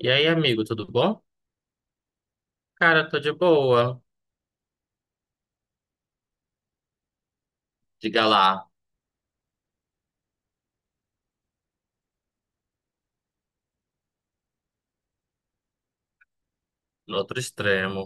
E aí, amigo, tudo bom? Cara, tô de boa. Diga lá, no outro extremo.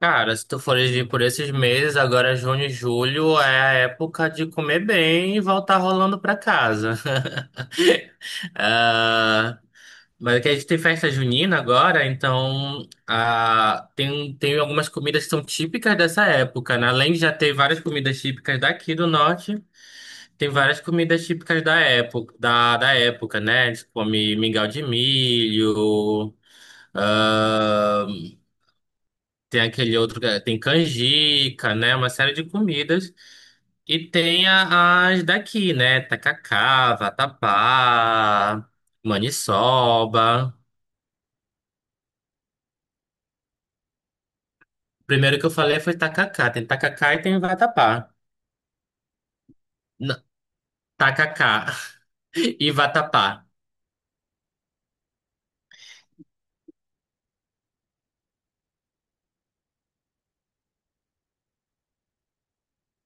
Cara, se tu fores vir por esses meses, agora é junho e julho é a época de comer bem e voltar rolando pra casa. Ah, mas é que a gente tem festa junina agora, então tem algumas comidas que são típicas dessa época, né? Além de já ter várias comidas típicas daqui do norte. Tem várias comidas típicas da época, né? Eles comem mingau de milho, ah, tem aquele outro, é, tem canjica, né? Uma série de comidas. E tem as daqui, né? Tacacá, vatapá, maniçoba. Primeiro que eu falei foi tacacá. Tem tacacá e tem vatapá. Não, tacacá e vatapá.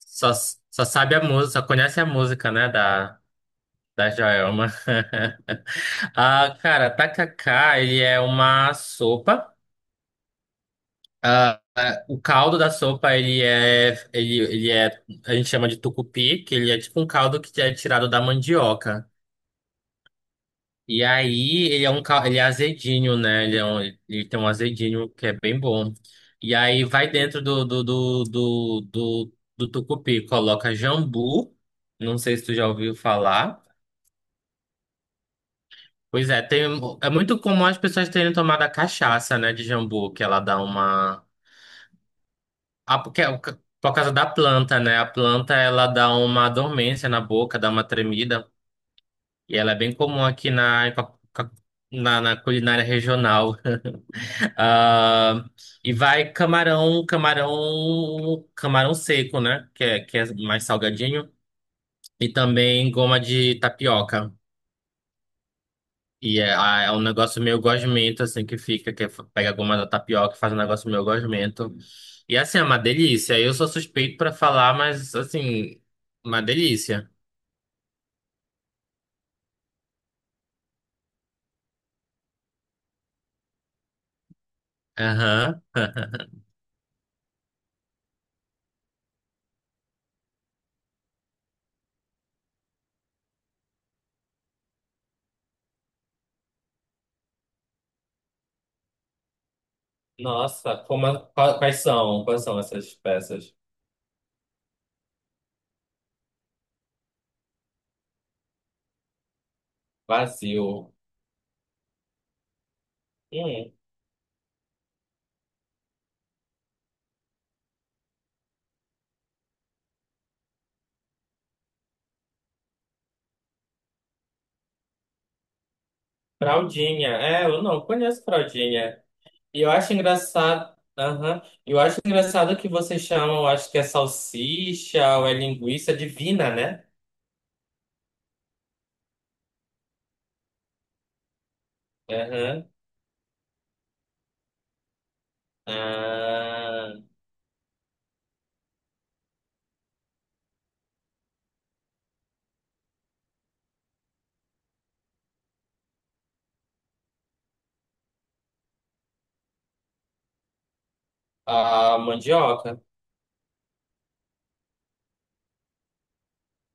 Só, só sabe a música, só conhece a música, né? Da Joelma. Ah, cara, tacacá, ele é uma sopa. O caldo da sopa, ele é, ele é, a gente chama de tucupi, que ele é tipo um caldo que é tirado da mandioca. E aí, ele é um caldo, ele é azedinho, né? Ele tem um azedinho que é bem bom. E aí, vai dentro do tucupi, coloca jambu, não sei se tu já ouviu falar. Pois é, é muito comum as pessoas terem tomado a cachaça, né, de jambu, que ela dá uma. Ah, porque, por causa da planta, né? A planta ela dá uma dormência na boca, dá uma tremida. E ela é bem comum aqui na, em co- co- na, na culinária regional. Ah, e vai camarão seco, né? Que é mais salgadinho. E também goma de tapioca. É um negócio meio gosmento, assim, que fica, pega a goma da tapioca e faz um negócio meio gosmento. E assim, é uma delícia. Eu sou suspeito pra falar, mas assim, uma delícia. Aham. Nossa, como, quais são? Quais são essas peças? Vazio. Hum, fraldinha. É, eu não conheço fraldinha. E eu acho engraçado. Aham. Eu acho engraçado que vocês chamam, acho que é salsicha ou é linguiça divina, né? Aham. Ah, a mandioca.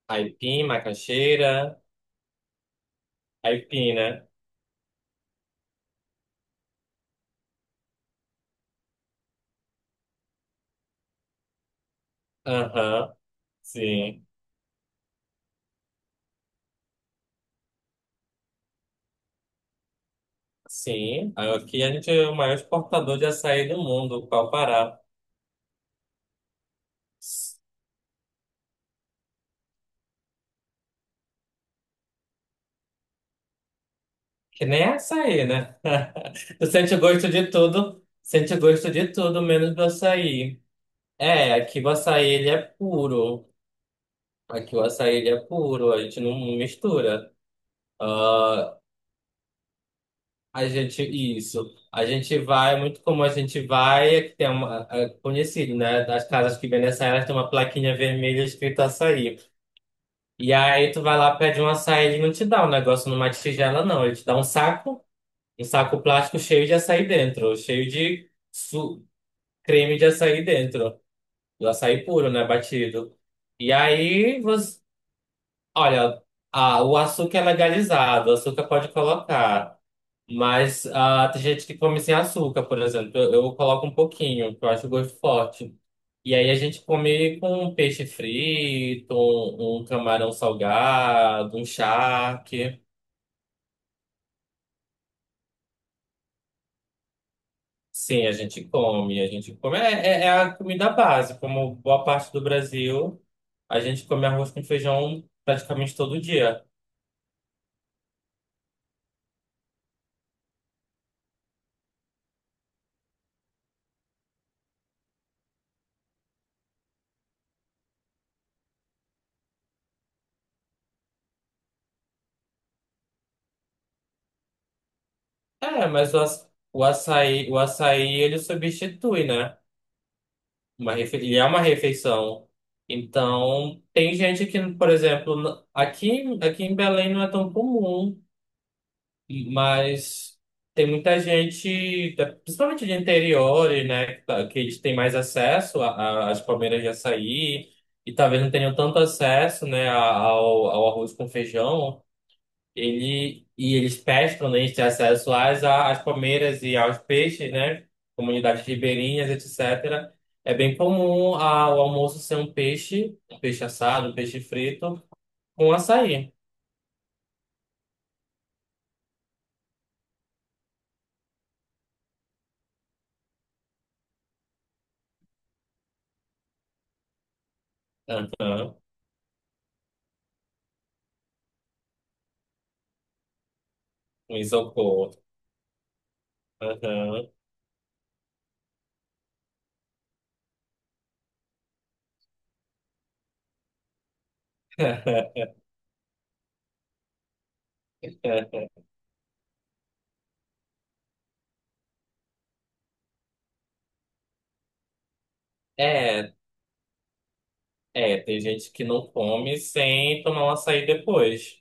Aipim, macaxeira. Aipim, né? Aham, sim. Sim. Aqui a gente é o maior exportador de açaí do mundo, qual o Pará. Que nem é açaí, né? Tu sente o gosto de tudo, sente o gosto de tudo, menos do açaí. É, aqui o açaí ele é puro. Aqui o açaí ele é puro, a gente não mistura. A gente, isso. A gente vai, é muito como a gente vai, é que tem uma, é conhecido, né? Das casas que vendem açaí, elas têm uma plaquinha vermelha escrito açaí. E aí tu vai lá, pede um açaí, ele não te dá um negócio numa tigela, não. Ele te dá um saco plástico cheio de açaí dentro, cheio de creme de açaí dentro. Do açaí puro, né? Batido. E aí você, olha, o açúcar é legalizado, o açúcar pode colocar. Mas tem gente que come sem açúcar, por exemplo. Eu coloco um pouquinho, porque eu acho o gosto forte. E aí a gente come com um peixe frito, um camarão salgado, um charque. Sim, a gente come, a gente come. É, é a comida base, como boa parte do Brasil, a gente come arroz com feijão praticamente todo dia. É, mas o açaí ele substitui, né? E é uma refeição. Então, tem gente que, por exemplo, aqui em Belém não é tão comum, mas tem muita gente, principalmente de interior, né, que eles têm mais acesso às palmeiras de açaí e talvez não tenham tanto acesso, né, ao arroz com feijão. E eles pescam, né, eles têm acesso às palmeiras e aos peixes, né? Comunidades ribeirinhas, etc. É bem comum o almoço ser um peixe assado, um peixe frito, com açaí. Aham, um isopor. Aham. É, é, tem gente que não come sem tomar um açaí depois.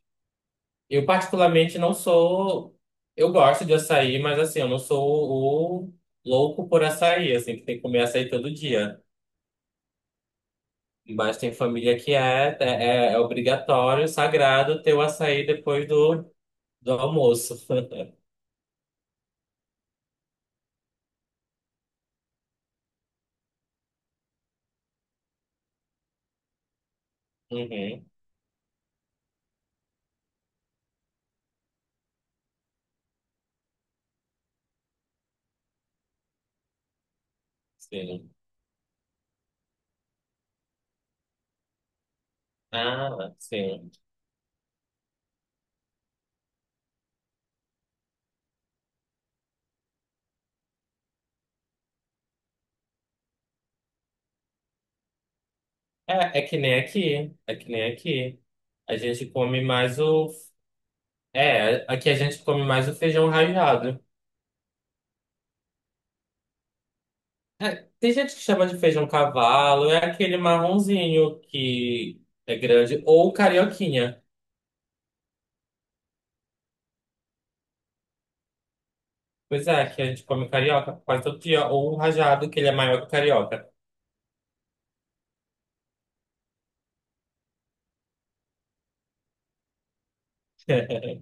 Eu particularmente não sou. Eu gosto de açaí, mas assim, eu não sou o louco por açaí, assim, que tem que comer açaí todo dia. Mas tem família que é obrigatório, sagrado, ter o açaí depois do almoço. Uhum, sim. Ah, sim. É, é que nem aqui. É que nem aqui. A gente come mais o. É, aqui a gente come mais o feijão ralado. É, tem gente que chama de feijão cavalo, é aquele marronzinho que é grande, ou carioquinha. Pois é, que a gente come carioca quase todo dia, ou o rajado, que ele é maior que o carioca.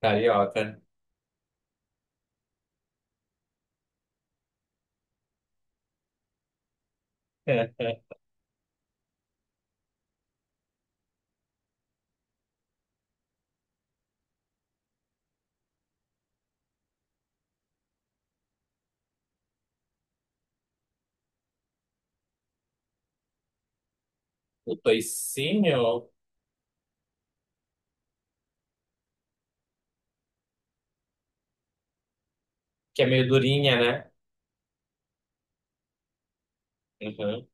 Carioca. O toicinho, que é meio durinha, né? Uhum.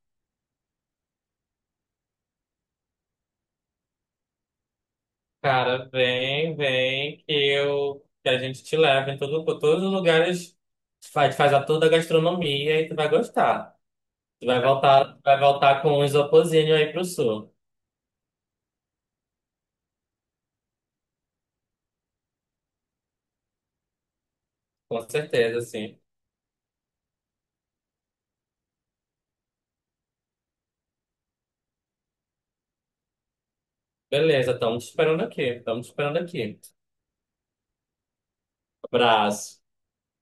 Cara, vem, vem, que a gente te leva por todos os lugares, faz a toda a gastronomia e tu vai gostar. Tu vai voltar com um isopozinho aí pro sul, com certeza, sim. Beleza, estamos esperando aqui. Estamos esperando aqui. Abraço.